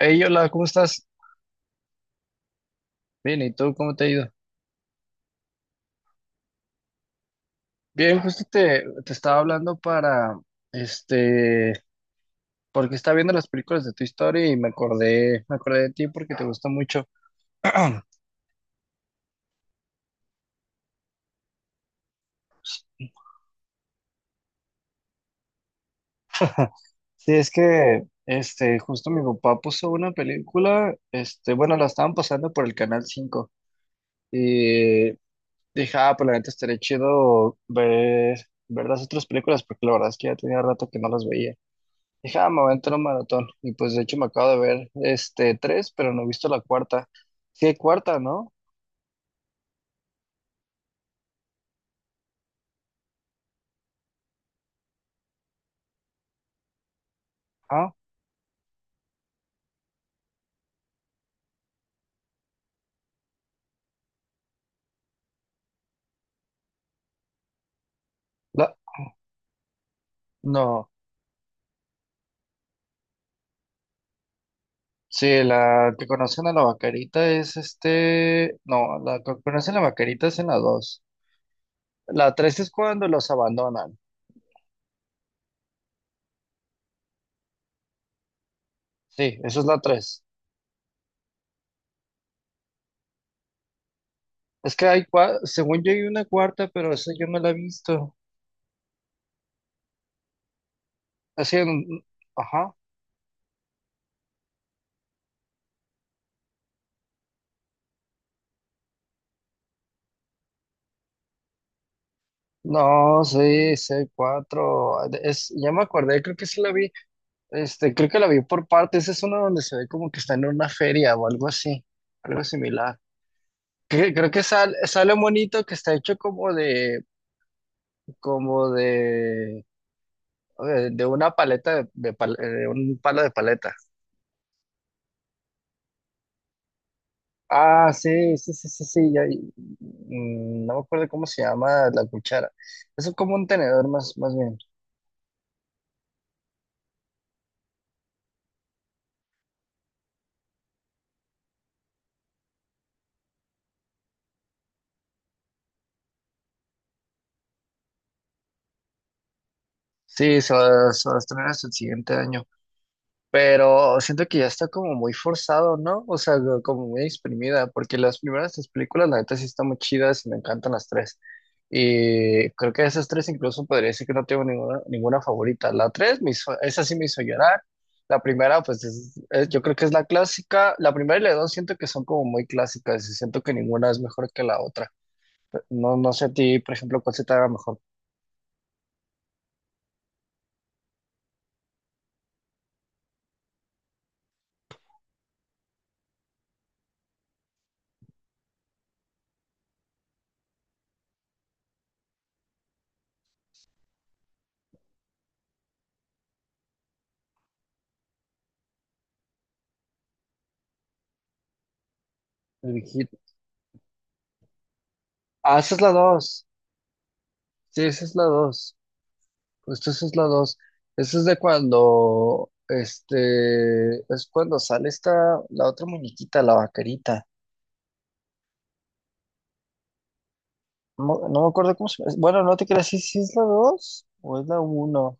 Hey, hola, ¿cómo estás? Bien, ¿y tú cómo te ha ido? Bien, justo te estaba hablando para, este, porque estaba viendo las películas de tu historia y me acordé de ti porque te gusta mucho. Sí, es que, justo mi papá puso una película, bueno, la estaban pasando por el Canal cinco y dije, ah, pues la neta estaría chido ver las otras películas porque la verdad es que ya tenía rato que no las veía. Dije, ah, me voy a entrar a un maratón. Y pues de hecho me acabo de ver este tres, pero no he visto la cuarta. Sí hay cuarta, ¿no? Ah, la no. Sí, la que conocen a la vaquerita es este. No, la que conocen a la vaquerita es en la dos. La tres es cuando los abandonan. Sí, esa es la tres. Es que hay según yo hay una cuarta, pero esa yo no la he visto. Así ajá. No, sí, sí hay cuatro. Es, ya me acordé, creo que sí la vi. Creo que la vi por partes. Es una donde se ve como que está en una feria o algo así, algo similar. Creo que sale un monito que está hecho como de, como de, de una paleta de, de un palo de paleta. Ah, sí, sí, sí, sí, sí. No me acuerdo cómo se llama la cuchara. Es como un tenedor más, más bien. Sí, se va a estrenar hasta el siguiente año. Pero siento que ya está como muy forzado, ¿no? O sea, como muy exprimida, porque las primeras tres películas, la neta, sí están muy chidas y me encantan las tres. Y creo que de esas tres incluso podría decir que no tengo ninguna favorita. La tres, esa sí me hizo llorar. La primera, pues yo creo que es la clásica. La primera y la dos siento que son como muy clásicas y siento que ninguna es mejor que la otra. No, no sé a ti, por ejemplo, cuál se te haga mejor. El Vigil- Ah, esa es la dos. Sí, esa es la dos. Justo eso es la dos. Eso es de cuando, es cuando sale esta, la otra muñequita, la vaquerita. No, no me acuerdo cómo se llama. Bueno, no te creas, si es la dos o es la uno.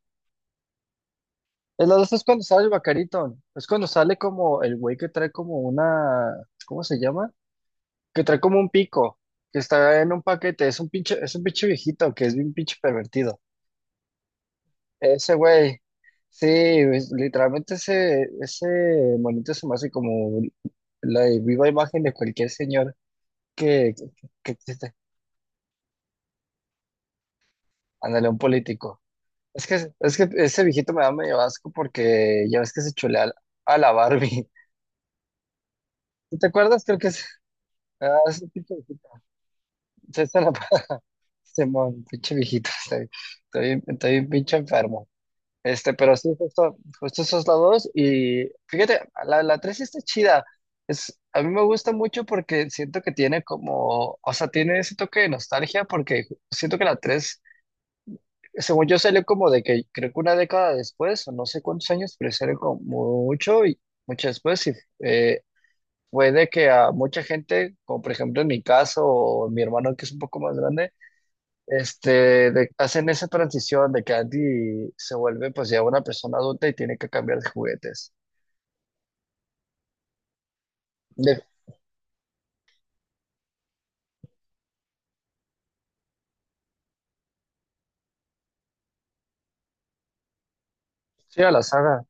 Es la dos es cuando sale el vaquerito. Es cuando sale como el güey que trae como una, ¿cómo se llama? Que trae como un pico, que está en un paquete. Es un pinche viejito que es bien pinche pervertido. Ese güey, sí, literalmente ese monito se me hace como la viva imagen de cualquier señor que, que, que existe. Ándale, un político. Es que ese viejito me da medio asco porque ya ves que se chulea a la Barbie. Sí, ¿te acuerdas? Creo que es ese pinche viejito. César Apá- Simón, pinche viejito. Estoy bien pinche enfermo. Pero sí, justo esos lados. Y fíjate, la 3 sí está chida. Es, a mí me gusta mucho porque siento que tiene como, o sea, tiene ese toque de nostalgia porque siento que la 3 según yo, salió como de que creo que una década después, o no sé cuántos años, pero salió como mucho y mucho después. Y eh, fue de que a mucha gente, como por ejemplo en mi caso, o mi hermano que es un poco más grande, hacen esa transición de que Andy se vuelve pues ya una persona adulta y tiene que cambiar de juguetes. De, sí, a la saga.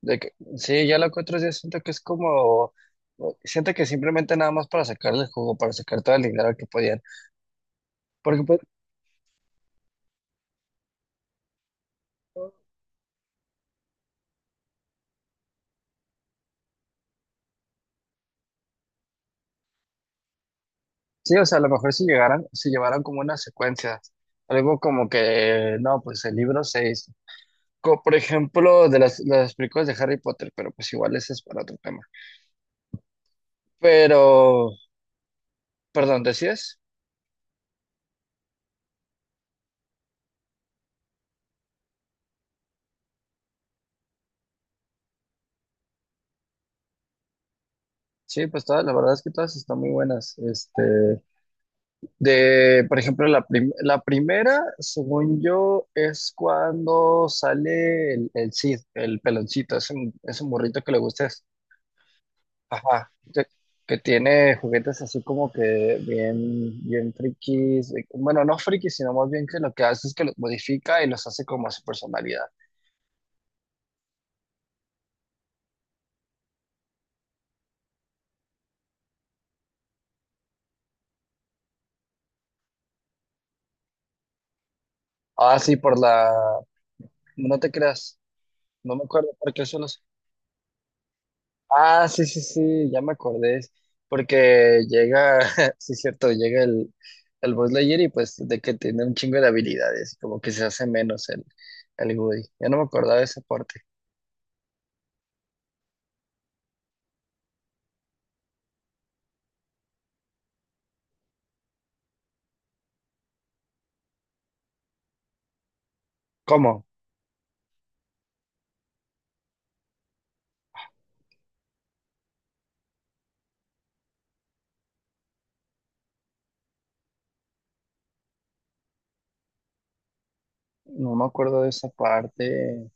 De que, sí, ya la cuatro ya siento que es como, siento que simplemente nada más para sacarle el jugo, para sacar todo el dinero que podían. Porque pues, sí, o sea, a lo mejor si llegaran, si llevaran como una secuencia, algo como que, no, pues el libro 6, por ejemplo, de las películas de Harry Potter, pero pues igual ese es para otro tema. Pero, perdón, ¿decías? Sí, pues todas, la verdad es que todas están muy buenas. De, por ejemplo, la primera, según yo, es cuando sale el Cid, el peloncito, es un, burrito que le gusta, ajá, que tiene juguetes así como que bien frikis, bueno, no frikis, sino más bien que lo que hace es que los modifica y los hace como a su personalidad. Ah, sí, por la, no te creas, no me acuerdo por qué eso. Ah, sí, sí, sí, ya me acordé. Porque llega, sí es cierto, llega el Buzz Lightyear y pues de que tiene un chingo de habilidades, como que se hace menos el Woody. Ya no me acordaba de esa parte. ¿Cómo? No me acuerdo de esa parte.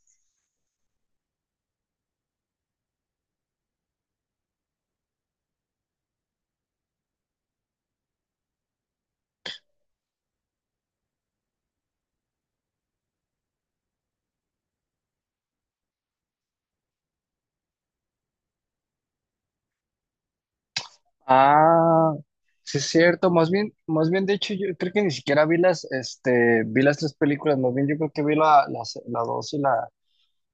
Ah, sí es cierto, más bien de hecho yo creo que ni siquiera vi las tres películas, más bien yo creo que vi la dos y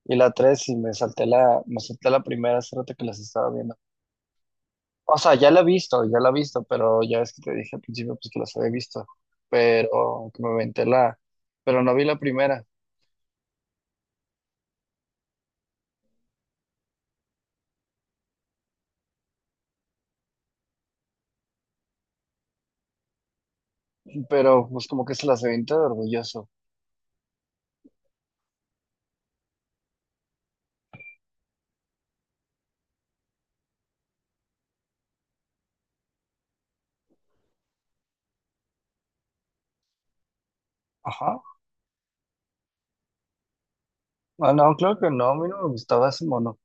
y la tres y me salté la primera hace rato que las estaba viendo. O sea, ya la he visto, ya la he visto, pero ya ves que te dije al principio pues que las había visto, pero que me aventé la, pero no vi la primera, pero pues como que se las aventé de orgulloso. Ajá. Ah, no, claro que no, a mí no me gustaba ese mono.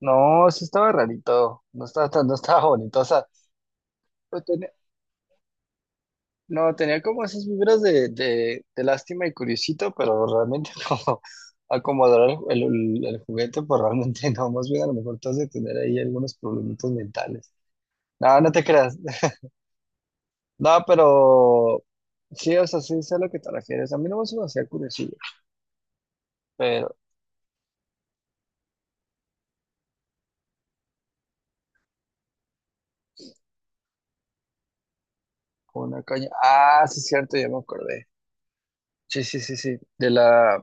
No, sí estaba rarito, no estaba tan, no estaba bonito, o sea, pues no, tenía como esas vibras de, de lástima y curiosito, pero realmente como acomodar el juguete, pues realmente no, más bien a lo mejor te has de tener ahí algunos problemitos mentales. No, no te creas. No, pero sí, o sea, sí sé a lo que te refieres. A mí no me hacía curiosillo, pero con una caña. Ah, sí, es cierto, ya me acordé. Sí, sí, sí, sí. De la.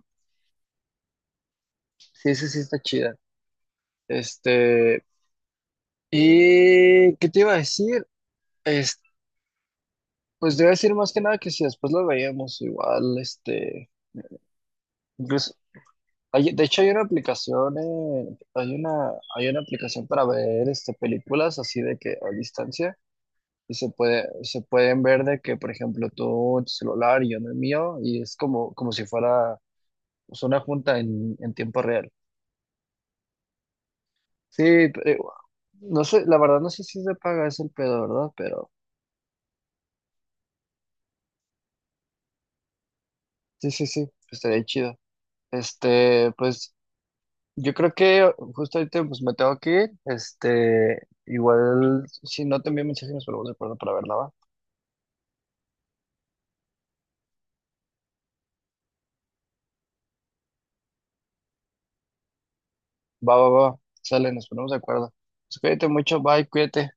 Sí, sí, sí, está chida. Este. ¿Y qué te iba a decir? Es- pues te iba a decir más que nada que si después lo veíamos igual. Incluso. Hay, de hecho, hay una aplicación, hay una aplicación para ver películas así de que a distancia. Y se pueden ver de que, por ejemplo, tú en tu celular y yo en el mío, y es como si fuera pues, una junta en tiempo real. Sí, pero, no sé, la verdad no sé si se paga, es el pedo, ¿verdad? Pero sí, sí, sí, estaría chido. Pues yo creo que justo ahorita pues me tengo que ir. Igual, si no te envío mensaje, nos ponemos de acuerdo para verla, ¿va? Va, va, va, sale, nos ponemos de acuerdo. Pues cuídate mucho, bye, cuídate.